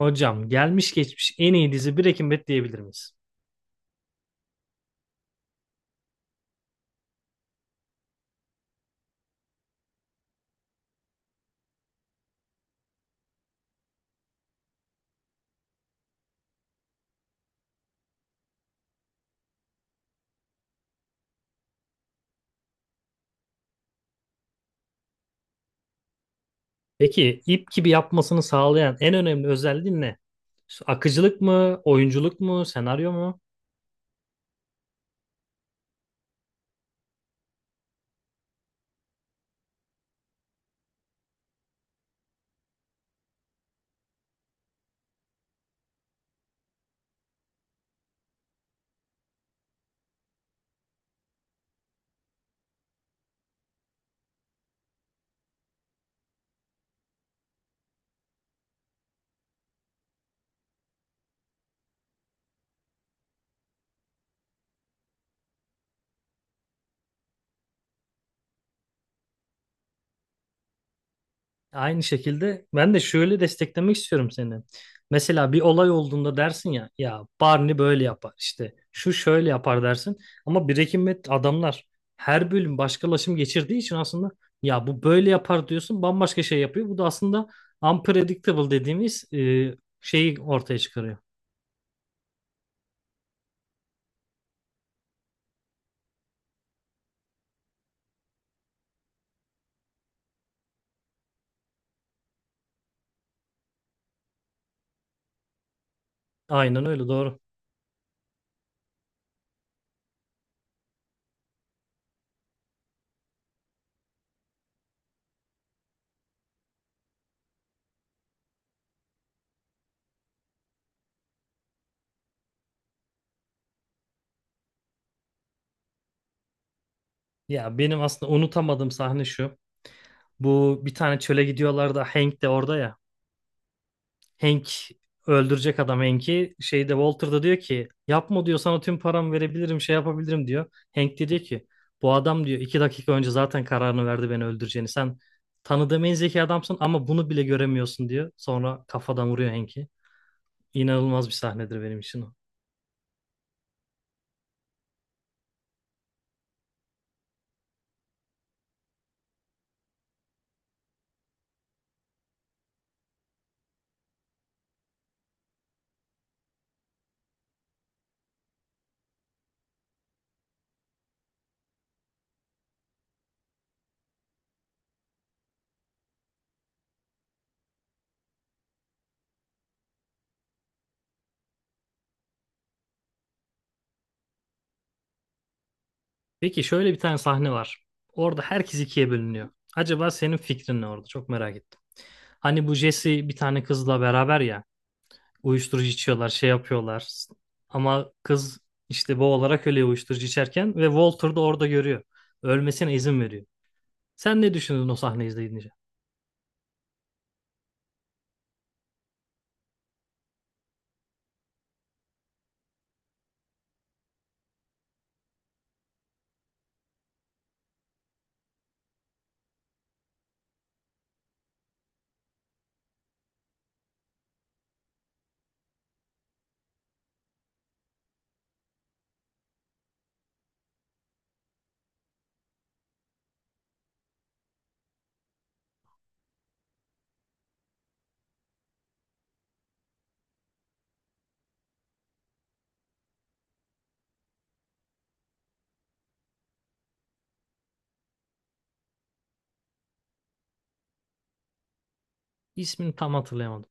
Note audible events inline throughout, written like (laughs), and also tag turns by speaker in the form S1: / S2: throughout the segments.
S1: Hocam gelmiş geçmiş en iyi dizi Breaking Bad diyebilir miyiz? Peki ip gibi yapmasını sağlayan en önemli özelliği ne? İşte akıcılık mı, oyunculuk mu, senaryo mu? Aynı şekilde ben de şöyle desteklemek istiyorum seni. Mesela bir olay olduğunda dersin ya, ya Barney böyle yapar işte, şu şöyle yapar dersin. Ama Breaking Bad adamlar her bölüm başkalaşım geçirdiği için aslında ya bu böyle yapar diyorsun, bambaşka şey yapıyor. Bu da aslında unpredictable dediğimiz şeyi ortaya çıkarıyor. Aynen öyle, doğru. Ya benim aslında unutamadığım sahne şu. Bu bir tane çöle gidiyorlar da Hank de orada ya. Hank öldürecek adam Hank'i. Şeyde Walter da diyor ki yapma diyor, sana tüm paramı verebilirim, şey yapabilirim diyor. Hank de diyor ki bu adam diyor 2 dakika önce zaten kararını verdi beni öldüreceğini. Sen tanıdığım en zeki adamsın ama bunu bile göremiyorsun diyor. Sonra kafadan vuruyor Hank'i. İnanılmaz bir sahnedir benim için o. Peki şöyle bir tane sahne var. Orada herkes ikiye bölünüyor. Acaba senin fikrin ne orada? Çok merak ettim. Hani bu Jesse bir tane kızla beraber ya, uyuşturucu içiyorlar, şey yapıyorlar. Ama kız işte boğularak ölüyor uyuşturucu içerken ve Walter da orada görüyor. Ölmesine izin veriyor. Sen ne düşündün o sahneyi izleyince? İsmini tam hatırlayamadım.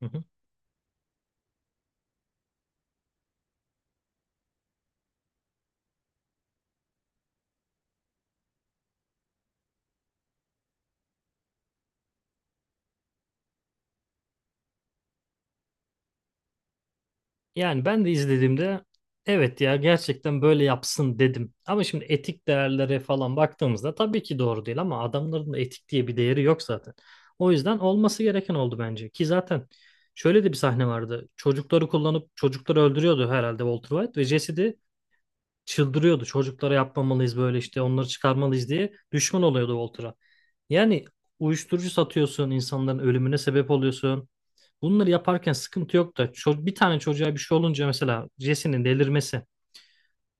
S1: Hı hı. Yani ben de izlediğimde evet ya, gerçekten böyle yapsın dedim. Ama şimdi etik değerlere falan baktığımızda tabii ki doğru değil ama adamların da etik diye bir değeri yok zaten. O yüzden olması gereken oldu bence. Ki zaten şöyle de bir sahne vardı. Çocukları kullanıp çocukları öldürüyordu herhalde Walter White ve Jesse de çıldırıyordu. Çocuklara yapmamalıyız böyle, işte onları çıkarmalıyız diye düşman oluyordu Walter'a. Yani uyuşturucu satıyorsun, insanların ölümüne sebep oluyorsun. Bunları yaparken sıkıntı yok da bir tane çocuğa bir şey olunca mesela Jesse'nin delirmesi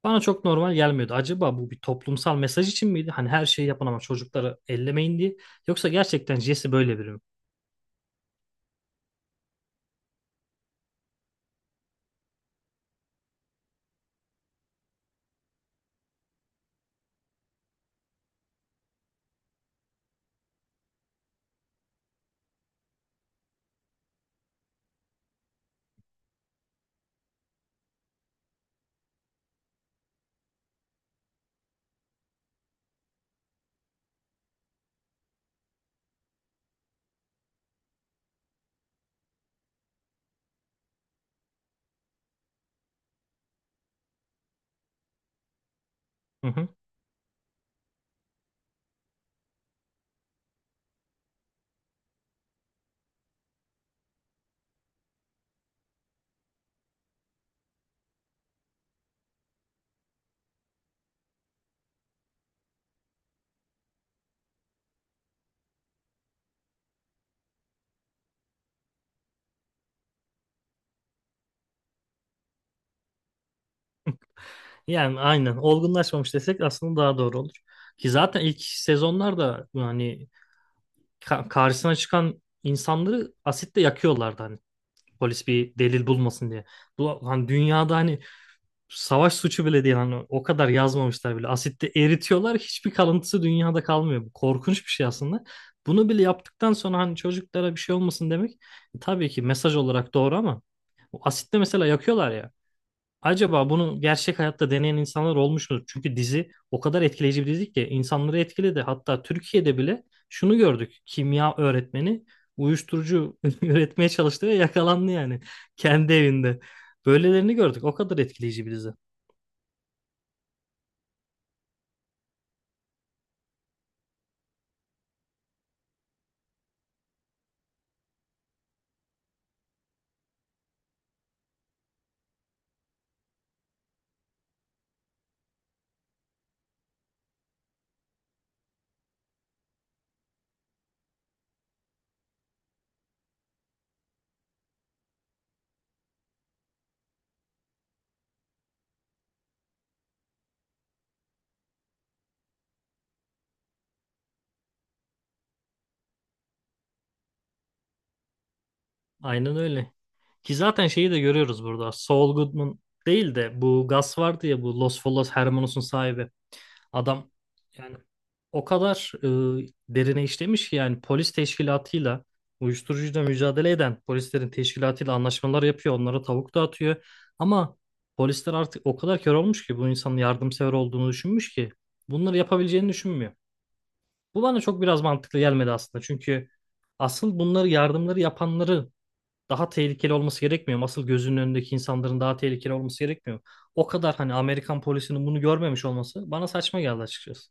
S1: bana çok normal gelmiyordu. Acaba bu bir toplumsal mesaj için miydi? Hani her şeyi yapın ama çocukları ellemeyin diye. Yoksa gerçekten Jesse böyle biri mi? Hı hı. Yani aynen, olgunlaşmamış desek aslında daha doğru olur. Ki zaten ilk sezonlarda hani karşısına çıkan insanları asitle yakıyorlardı hani polis bir delil bulmasın diye. Bu hani dünyada hani savaş suçu bile değil, hani o kadar yazmamışlar bile. Asitte eritiyorlar, hiçbir kalıntısı dünyada kalmıyor. Bu korkunç bir şey aslında. Bunu bile yaptıktan sonra hani çocuklara bir şey olmasın demek tabii ki mesaj olarak doğru ama o asitte mesela yakıyorlar ya. Acaba bunu gerçek hayatta deneyen insanlar olmuş mu? Çünkü dizi o kadar etkileyici bir dizi ki insanları etkiledi. Hatta Türkiye'de bile şunu gördük. Kimya öğretmeni uyuşturucu (laughs) üretmeye çalıştı ve yakalandı yani kendi evinde. Böylelerini gördük. O kadar etkileyici bir dizi. Aynen öyle. Ki zaten şeyi de görüyoruz burada. Saul Goodman değil de bu Gus vardı ya, bu Los Feliz Hermanos'un sahibi. Adam yani o kadar derine işlemiş ki yani polis teşkilatıyla, uyuşturucuyla mücadele eden polislerin teşkilatıyla anlaşmalar yapıyor. Onlara tavuk dağıtıyor. Ama polisler artık o kadar kör olmuş ki bu insanın yardımsever olduğunu düşünmüş ki bunları yapabileceğini düşünmüyor. Bu bana çok biraz mantıklı gelmedi aslında. Çünkü asıl bunları, yardımları yapanları daha tehlikeli olması gerekmiyor mu? Asıl gözünün önündeki insanların daha tehlikeli olması gerekmiyor mu? O kadar hani Amerikan polisinin bunu görmemiş olması bana saçma geldi açıkçası.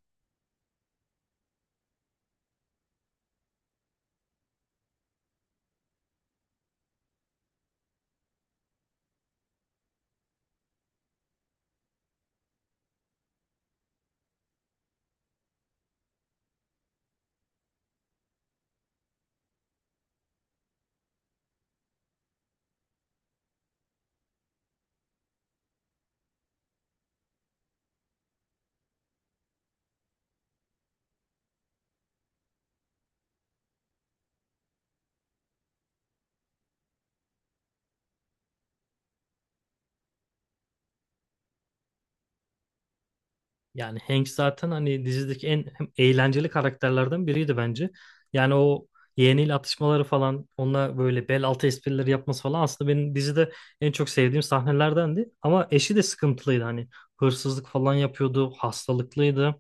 S1: Yani Hank zaten hani dizideki en hem eğlenceli karakterlerden biriydi bence. Yani o yeğeniyle atışmaları falan, onunla böyle bel altı esprileri yapması falan aslında benim dizide en çok sevdiğim sahnelerdendi. Ama eşi de sıkıntılıydı hani, hırsızlık falan yapıyordu, hastalıklıydı.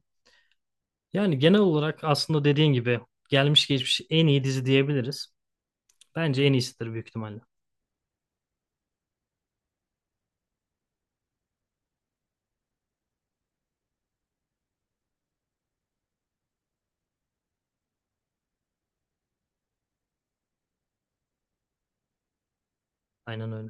S1: Yani genel olarak aslında dediğin gibi gelmiş geçmiş en iyi dizi diyebiliriz. Bence en iyisidir büyük ihtimalle. Aynen öyle.